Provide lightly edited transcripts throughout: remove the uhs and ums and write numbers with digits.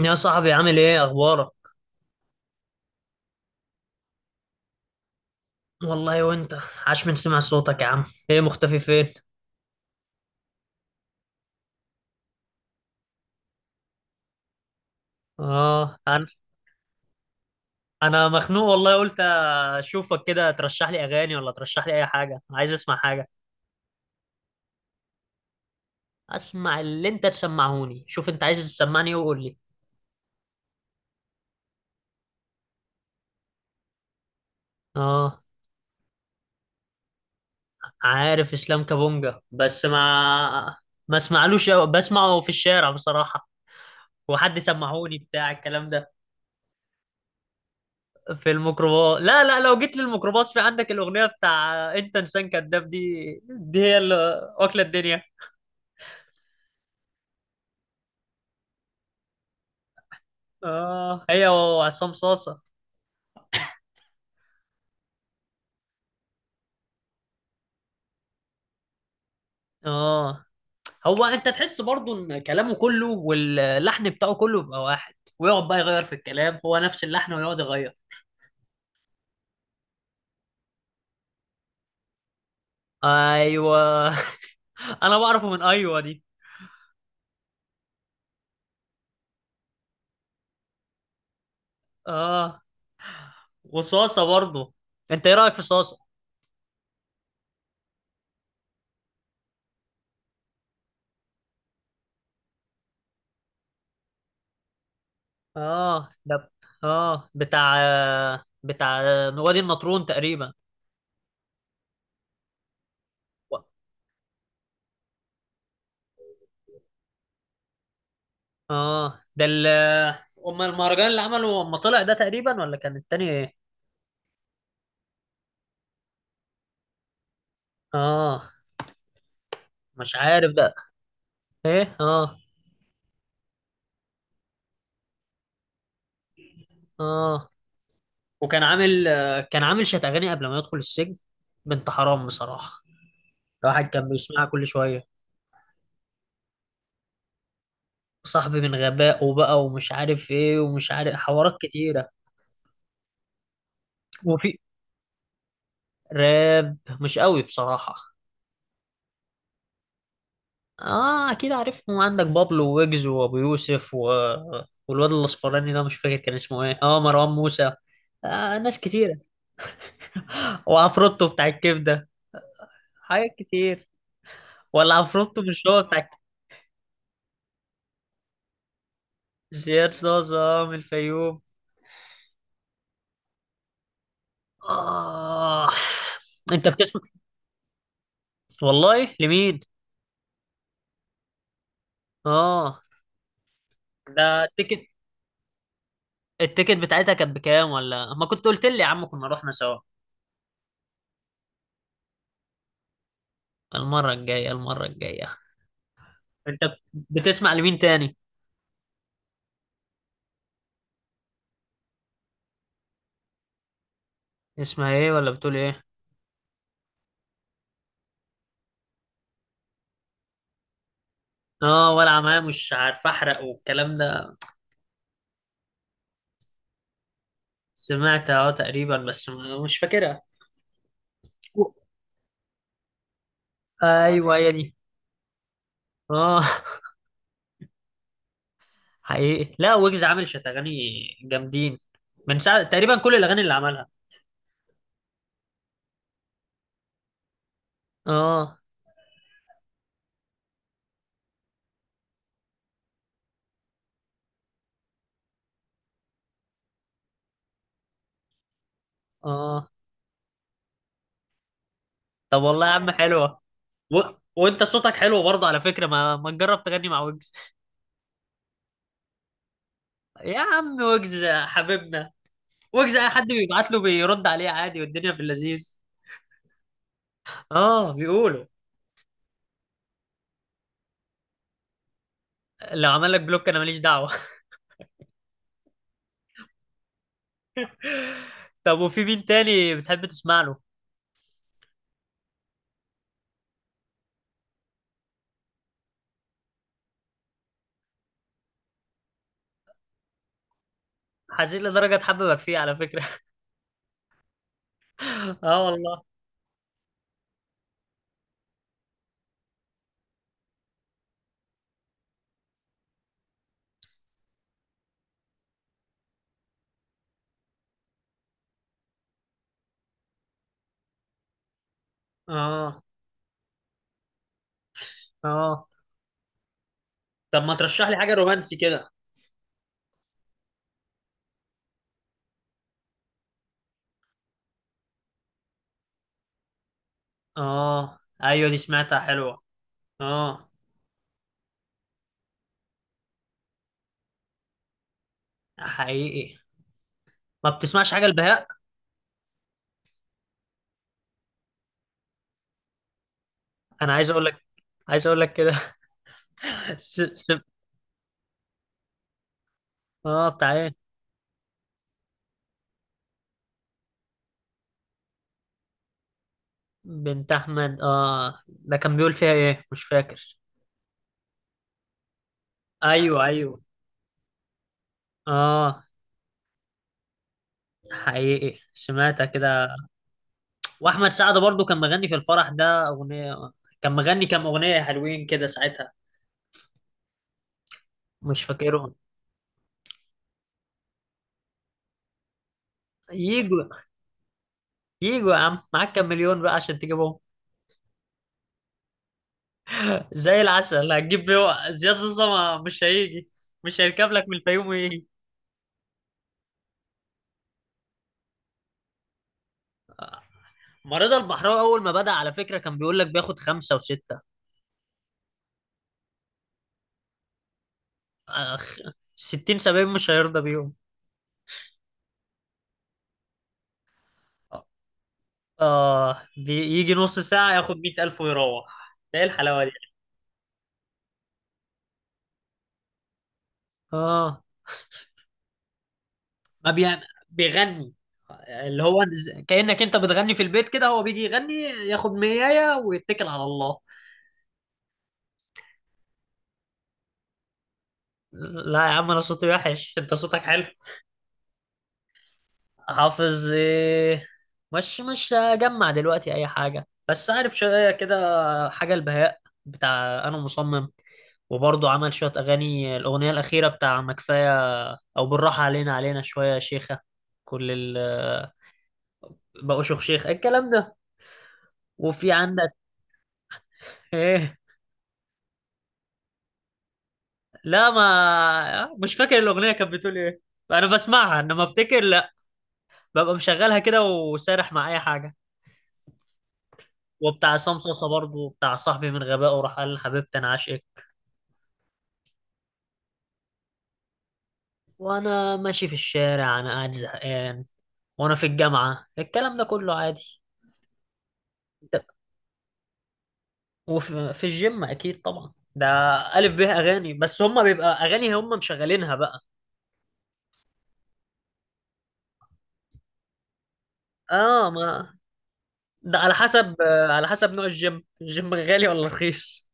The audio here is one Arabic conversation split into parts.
يا صاحبي، عامل ايه؟ اخبارك؟ والله وانت. عاش من سمع صوتك يا عم. ايه مختفي فين؟ اه، انا مخنوق والله. قلت اشوفك كده، ترشح لي اغاني ولا ترشح لي اي حاجه، عايز اسمع حاجه. اسمع اللي انت تسمعهوني، شوف انت عايز تسمعني إيه وقول لي. اه. عارف اسلام كابونجا، بس ما اسمعلوش أوي، بسمعه في الشارع بصراحه. وحد سمعوني بتاع الكلام ده؟ في الميكروباص لا لا، لو جيت للميكروباص في عندك الأغنية بتاع أنت إنسان كذاب دي، دي هي اللي واكلة الدنيا. اه، هي وعصام صاصة. اه. هو أنت تحس برضو إن كلامه كله واللحن بتاعه كله بيبقى واحد، ويقعد بقى يغير في الكلام، هو نفس اللحن ويقعد يغير. أيوه أنا بعرفه من أيوه دي. اه، وصاصة برضو. أنت إيه رأيك في صاصة؟ اه، ده اه بتاع بتاع وادي النطرون تقريبا. اه، ده أم المهرجان اللي عمله أما طلع ده تقريبا، ولا كان التاني إيه؟ اه، مش عارف بقى. إيه، اه، اه. وكان عامل، كان عامل شات أغاني قبل ما يدخل السجن. بنت حرام بصراحة، الواحد كان بيسمعها كل شوية. صاحبي من غبائه بقى ومش عارف إيه ومش عارف حوارات كتيرة. وفي راب مش قوي بصراحة. اه، أكيد عارفهم. عندك بابلو، ويجز، وأبو يوسف والواد الأصفراني ده مش فاكر كان اسمه إيه، اه، مروان موسى. آه، ناس كتير. وعفروتو بتاع الكبدة، حاجات كتير. ولا عفروتو مش هو بتاع زياد زازا، آه، من الفيوم. آه. أنت بتسمع والله لمين؟ آه. ده التيكت، التيكت بتاعتها كانت بكام؟ ولا ما كنت قلت لي يا عم، كنا رحنا سوا. المرة الجاية، المرة الجاية. أنت بتسمع لمين تاني؟ اسمها إيه ولا بتقول إيه؟ آه، ولا معايا مش عارف أحرق والكلام ده. سمعت اه تقريبا، بس مش فاكرها. أيوه هي دي. آه. حقيقي، لا، ويجز عامل شت اغاني جامدين من ساعه تقريبا، كل الاغاني اللي عملها. اه. اه. طب والله يا عم حلوه. و... وانت صوتك حلو برضه على فكره، ما تجرب تغني مع ويجز؟ يا عم ويجز حبيبنا، ويجز اي حد بيبعت له بيرد عليه عادي، والدنيا في اللذيذ. اه بيقولوا. لو عمل لك بلوك انا ماليش دعوه طب، وفي مين تاني بتحب تسمع له؟ حزين لدرجه تحببك فيه على فكره اه والله. اه. اه. طب ما ترشح لي حاجه رومانسي كده. اه، ايوه، دي سمعتها حلوة. اه. حقيقي. ما بتسمعش حاجة البهاء؟ انا عايز اقول لك، عايز اقول لك كده س... س... اه، بتاع ايه؟ بنت احمد، اه، ده كان بيقول فيها ايه مش فاكر. ايوه ايوه. اه. حقيقي، سمعتها كده. واحمد سعد برضو كان مغني في الفرح ده اغنية، كان مغني كام اغنية حلوين كده ساعتها، مش فاكرهم. ييجوا. ييجوا يا عم، معاك كام مليون بقى عشان تجيبهم؟ زي العسل هتجيب بيه زياد زوزة؟ مش هيجي، مش هيركب لك من الفيوم ويجي. ما رضا البحراوي اول ما بدأ على فكرة كان بيقول لك بياخد خمسة وستة. أخ... 60 70 مش هيرضى بيهم. اه، بيجي نص ساعة ياخد 100,000 ويروح، ده ايه الحلاوة دي؟ اه، ما بيعمل، بيغني، اللي هو كأنك انت بتغني في البيت كده، هو بيجي يغني ياخد 100 ويتكل على الله. لا يا عم انا صوتي وحش، انت صوتك حلو. حافظ ايه؟ مش هجمع دلوقتي اي حاجه، بس عارف شويه كده. حاجه البهاء، بتاع انا مصمم. وبرضه عمل شويه اغاني، الاغنيه الاخيره بتاع ما كفايه، او بالراحه علينا علينا شويه يا شيخه، كل ال، بقوا شيخ شيخ الكلام ده. وفي عندك ايه؟ لا، ما مش فاكر الاغنيه كانت بتقول ايه، انا بسمعها انما افتكر لا، ببقى مشغلها كده وسارح مع اي حاجه. وبتاع عصام صاصا برضه بتاع صاحبي من غبائه راح قال لحبيبتي انا عاشق. وانا ماشي في الشارع، انا قاعد زهقان، وانا في الجامعة، الكلام ده كله عادي. طب، وفي الجيم اكيد طبعا ده الف به اغاني، بس هم بيبقى اغاني هم مشغلينها بقى. اه ما ده على حسب، على حسب نوع الجيم، الجيم غالي ولا رخيص.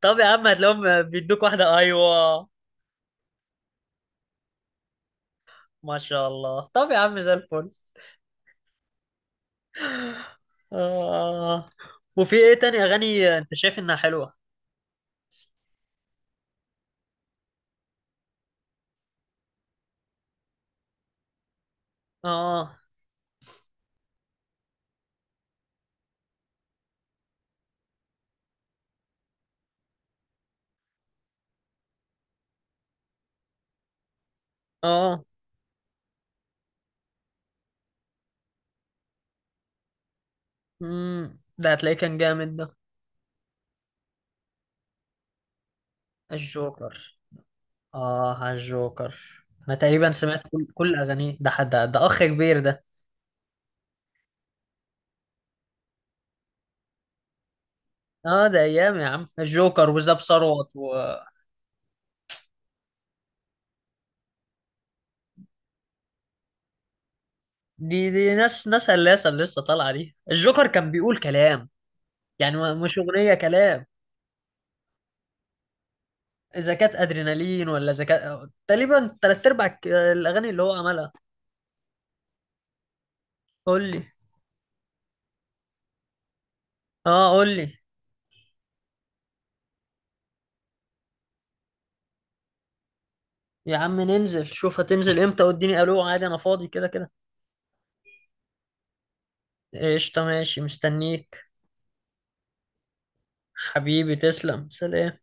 طب يا عم هتلاقيهم بيدوك واحدة، ايوه. ما شاء الله. طب يا عم زي الفل. اه، وفي ايه تاني اغاني انت شايف انها حلوة؟ اه. اه. ده هتلاقيه كان جامد ده، الجوكر. اه، على الجوكر. انا تقريبا سمعت كل اغانيه، ده حد ده اخ كبير ده. اه ده ايام يا عم الجوكر وزاب ثروت دي ناس ناس هلاسه اللي لسه طالعه دي. الجوكر كان بيقول كلام يعني، مش اغنيه كلام، اذا كانت ادرينالين، ولا اذا كانت تقريبا تلات ارباع الاغاني اللي هو عملها. قول لي. اه، قول لي. يا عم ننزل شوف هتنزل امتى، واديني الو عادي، انا فاضي كده كده. قشطه، ماشي مستنيك. حبيبي تسلم، سلام.